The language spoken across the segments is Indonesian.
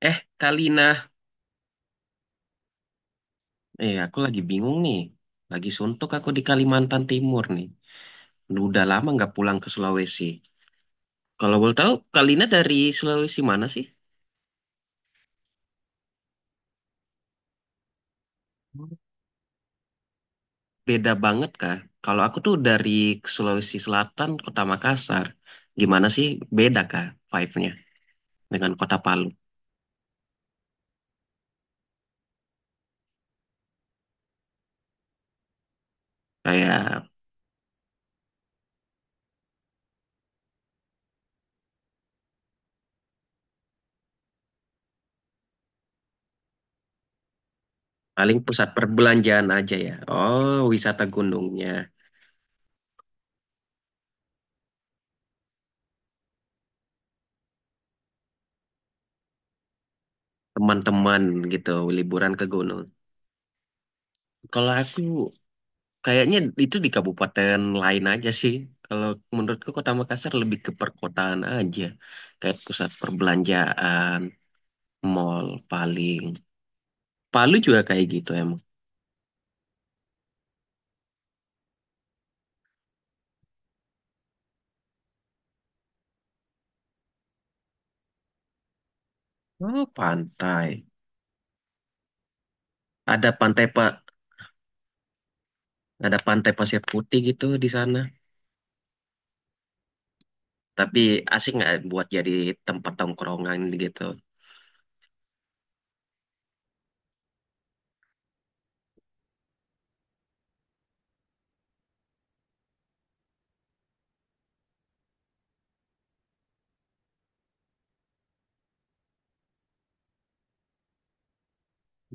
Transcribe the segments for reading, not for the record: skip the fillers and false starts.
Eh, Kalina. Eh, aku lagi bingung nih. Lagi suntuk aku di Kalimantan Timur nih. Udah lama nggak pulang ke Sulawesi. Kalau boleh tahu, Kalina dari Sulawesi mana sih? Hmm. Beda banget kah? Kalau aku tuh dari Sulawesi Selatan, Kota Makassar. Gimana sih beda kah vibe-nya dengan Kota Palu? Kayak paling pusat perbelanjaan aja ya. Oh, wisata gunungnya. Teman-teman gitu, liburan ke gunung. Kalau aku kayaknya itu di kabupaten lain aja sih. Kalau menurutku Kota Makassar lebih ke perkotaan aja. Kayak pusat perbelanjaan, mall paling. Palu juga kayak gitu emang. Oh, pantai. Ada pantai Pak, ada pantai pasir putih gitu di sana. Tapi asik nggak buat jadi tempat tongkrongan gitu.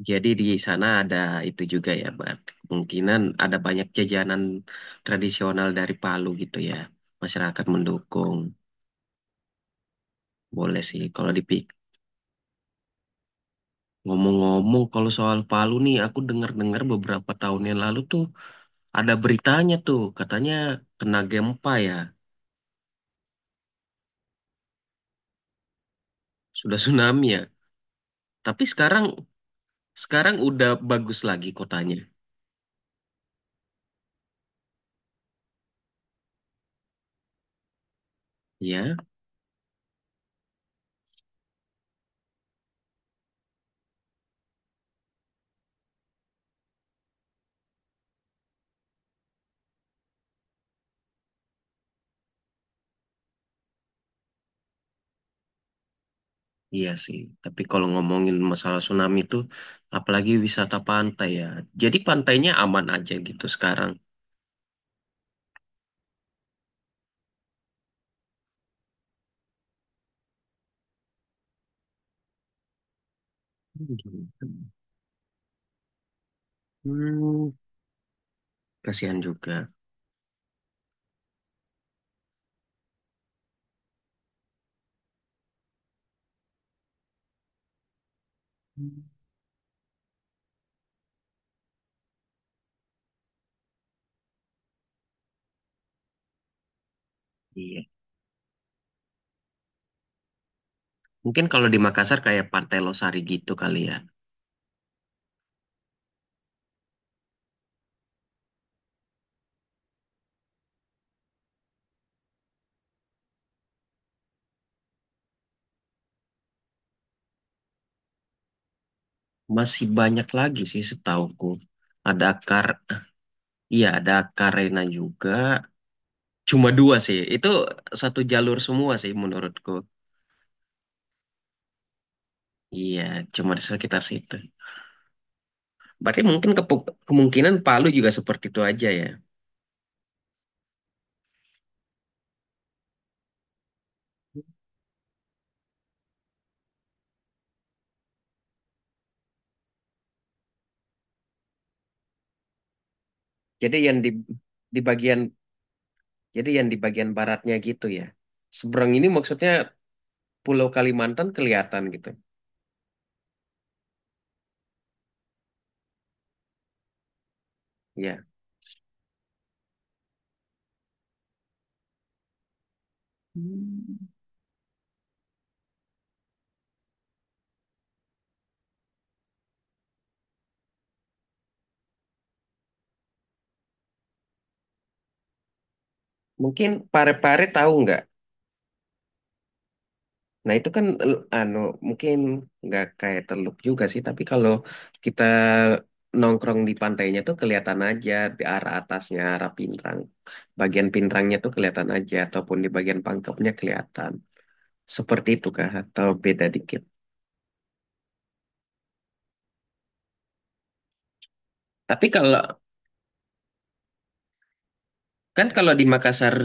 Jadi di sana ada itu juga ya, Bang. Kemungkinan ada banyak jajanan tradisional dari Palu gitu ya. Masyarakat mendukung. Boleh sih kalau dipik. Ngomong-ngomong kalau soal Palu nih aku dengar-dengar beberapa tahun yang lalu tuh ada beritanya tuh katanya kena gempa ya, sudah tsunami ya. Tapi sekarang sekarang udah bagus lagi kotanya. Ya, iya sih. Tapi kalau ngomongin masalah tsunami tuh apalagi wisata pantai ya. Jadi pantainya aman aja gitu sekarang. Gitu. Hmm, Kasihan juga. Hmm. Iya. Mungkin kalau di Makassar kayak Pantai Losari gitu kali ya. Masih banyak lagi sih setauku. Ada akar, iya ada karena juga. Cuma dua sih. Itu satu jalur semua sih menurutku. Iya, cuma di sekitar situ. Berarti mungkin kemungkinan Palu juga seperti itu aja ya. Jadi yang di di bagian jadi yang di bagian baratnya gitu ya. Seberang ini maksudnya Pulau Kalimantan kelihatan gitu. Ya. Hmm. Mungkin Pare-Pare tahu nggak? Nah itu kan anu mungkin nggak kayak teluk juga sih, tapi kalau kita nongkrong di pantainya tuh kelihatan aja di arah atasnya, arah Pinrang. Bagian Pinrangnya tuh kelihatan aja, ataupun di bagian pangkepnya kelihatan. Seperti itu kah? Atau beda dikit? Tapi kalau kan kalau di Makassar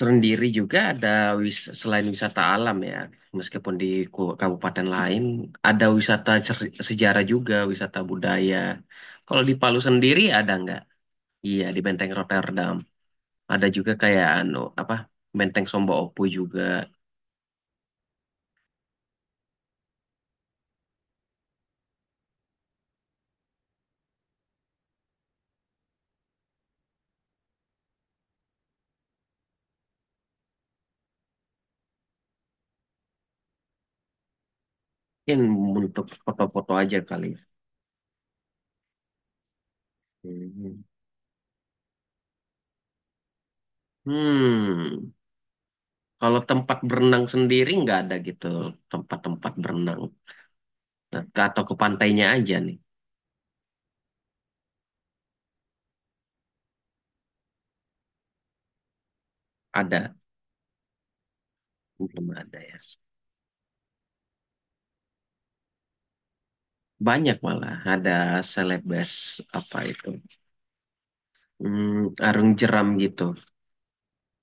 sendiri juga ada selain wisata alam ya, meskipun di kabupaten lain ada wisata sejarah juga, wisata budaya. Kalau di Palu sendiri ada nggak? Iya di Benteng Rotterdam. Ada juga kayak anu apa Benteng Somba Opu juga. Mungkin untuk foto-foto aja kali, ya. Hmm. Hmm. Kalau tempat berenang sendiri nggak ada gitu, tempat-tempat berenang. Nah, atau ke pantainya aja nih. Ada belum ada ya. Banyak malah ada selebes, apa itu? Hmm, arung jeram gitu.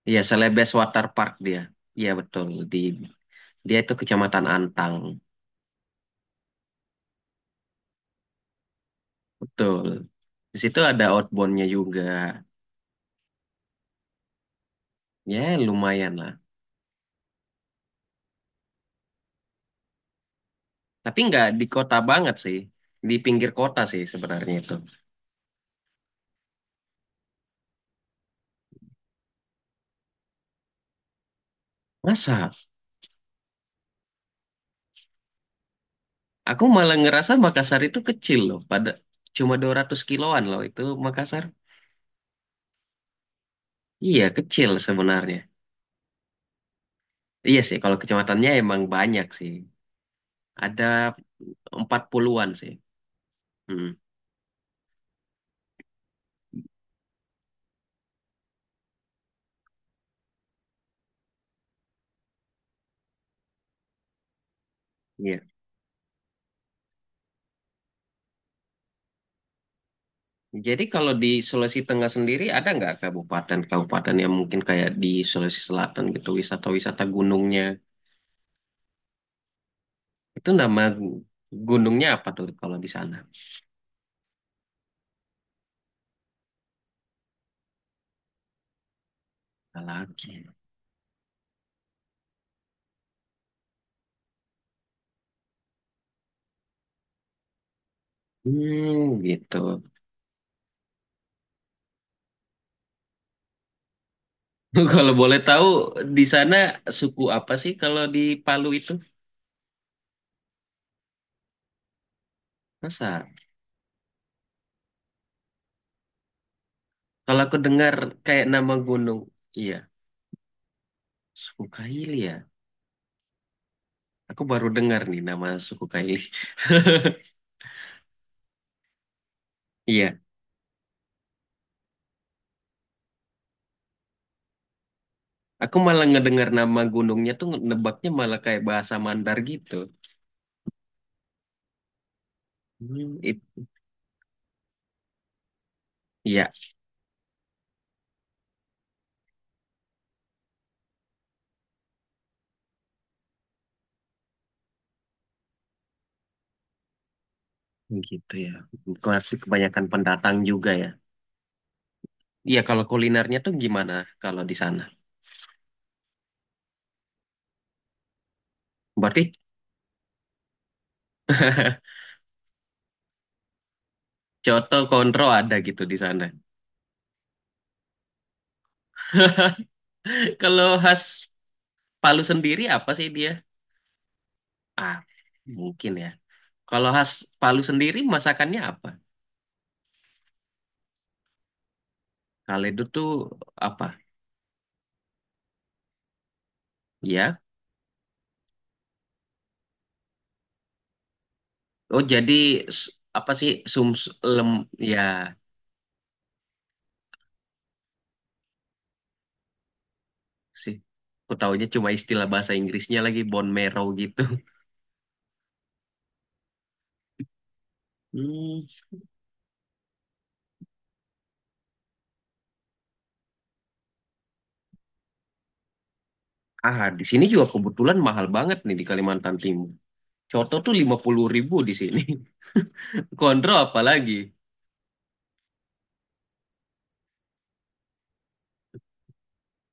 Iya, selebes water park dia. Iya betul, di dia itu Kecamatan Antang. Betul. Di situ ada outboundnya juga. Ya, lumayan lah. Tapi nggak di kota banget sih. Di pinggir kota sih sebenarnya itu. Masa? Aku malah ngerasa Makassar itu kecil loh. Pada cuma 200 kiloan loh itu Makassar. Iya, kecil sebenarnya. Iya sih, kalau kecamatannya emang banyak sih. Ada 40-an sih. Hmm, iya. Jadi kalau di Sulawesi Tengah sendiri ada nggak kabupaten-kabupaten yang mungkin kayak di Sulawesi Selatan gitu, wisata-wisata gunungnya. Itu nama gunungnya apa tuh kalau di sana? Laki. Hmm, gitu. Kalau boleh tahu di sana suku apa sih kalau di Palu itu? Masa? Kalau aku dengar kayak nama gunung, iya, suku Kaili ya. Aku baru dengar nih nama suku Kaili. Iya, aku malah ngedengar nama gunungnya tuh nebaknya malah kayak bahasa Mandar gitu. Hmm, it, iya, gitu ya. Berarti kebanyakan pendatang juga ya. Iya, kalau kulinernya tuh gimana kalau di sana? Berarti Coto Konro ada gitu di sana. Kalau khas Palu sendiri apa sih dia? Ah, mungkin ya. Kalau khas Palu sendiri masakannya apa? Kaledo tuh apa? Ya. Oh, jadi s- apa sih sum lem ya sih. Aku taunya cuma istilah bahasa Inggrisnya lagi bone marrow gitu. Hmm. Ah, di sini juga kebetulan mahal banget nih di Kalimantan Timur. Coto tuh 50.000 di sini. Konro apalagi?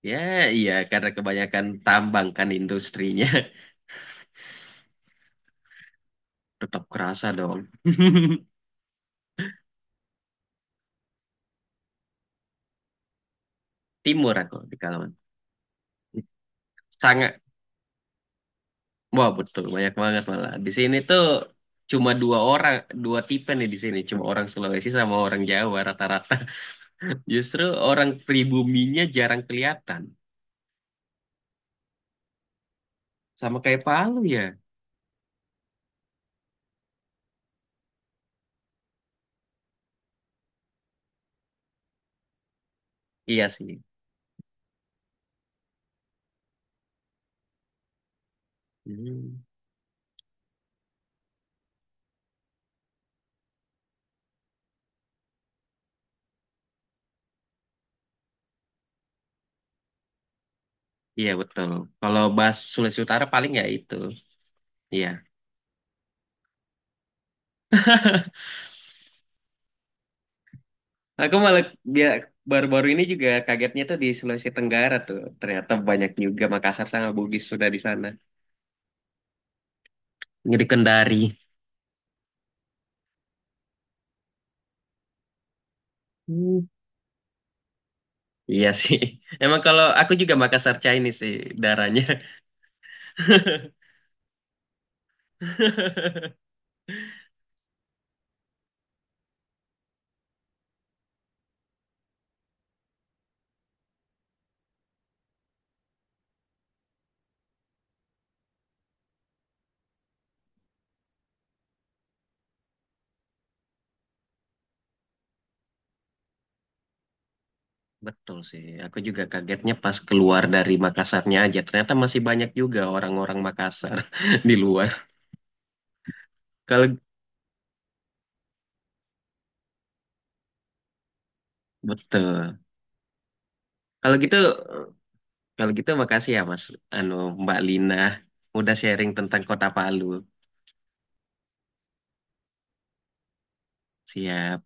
Ya, iya, karena kebanyakan tambang kan industrinya. Tetap kerasa dong. Timur aku di Kalaman. Sangat, wah betul, banyak banget malah. Di sini tuh cuma dua orang, dua tipe nih di sini. Cuma orang Sulawesi sama orang Jawa rata-rata. Justru orang pribuminya jarang kelihatan. Sama kayak Palu ya. Iya sih. Hmm. Iya betul. Kalau bahas Sulawesi Utara paling ya itu. Iya. Nah, aku malah dia baru-baru ini juga kagetnya tuh di Sulawesi Tenggara tuh. Ternyata banyak juga Makassar sama Bugis sudah di sana. Jadi Kendari. Hmm. Iya sih. Emang kalau aku juga Makassar Chinese sih darahnya. Betul sih. Aku juga kagetnya pas keluar dari Makassarnya aja. Ternyata masih banyak juga orang-orang Makassar di luar. Kalau betul. Kalau gitu kalau gitu makasih ya Mas, anu, Mbak Lina udah sharing tentang Kota Palu. Siap.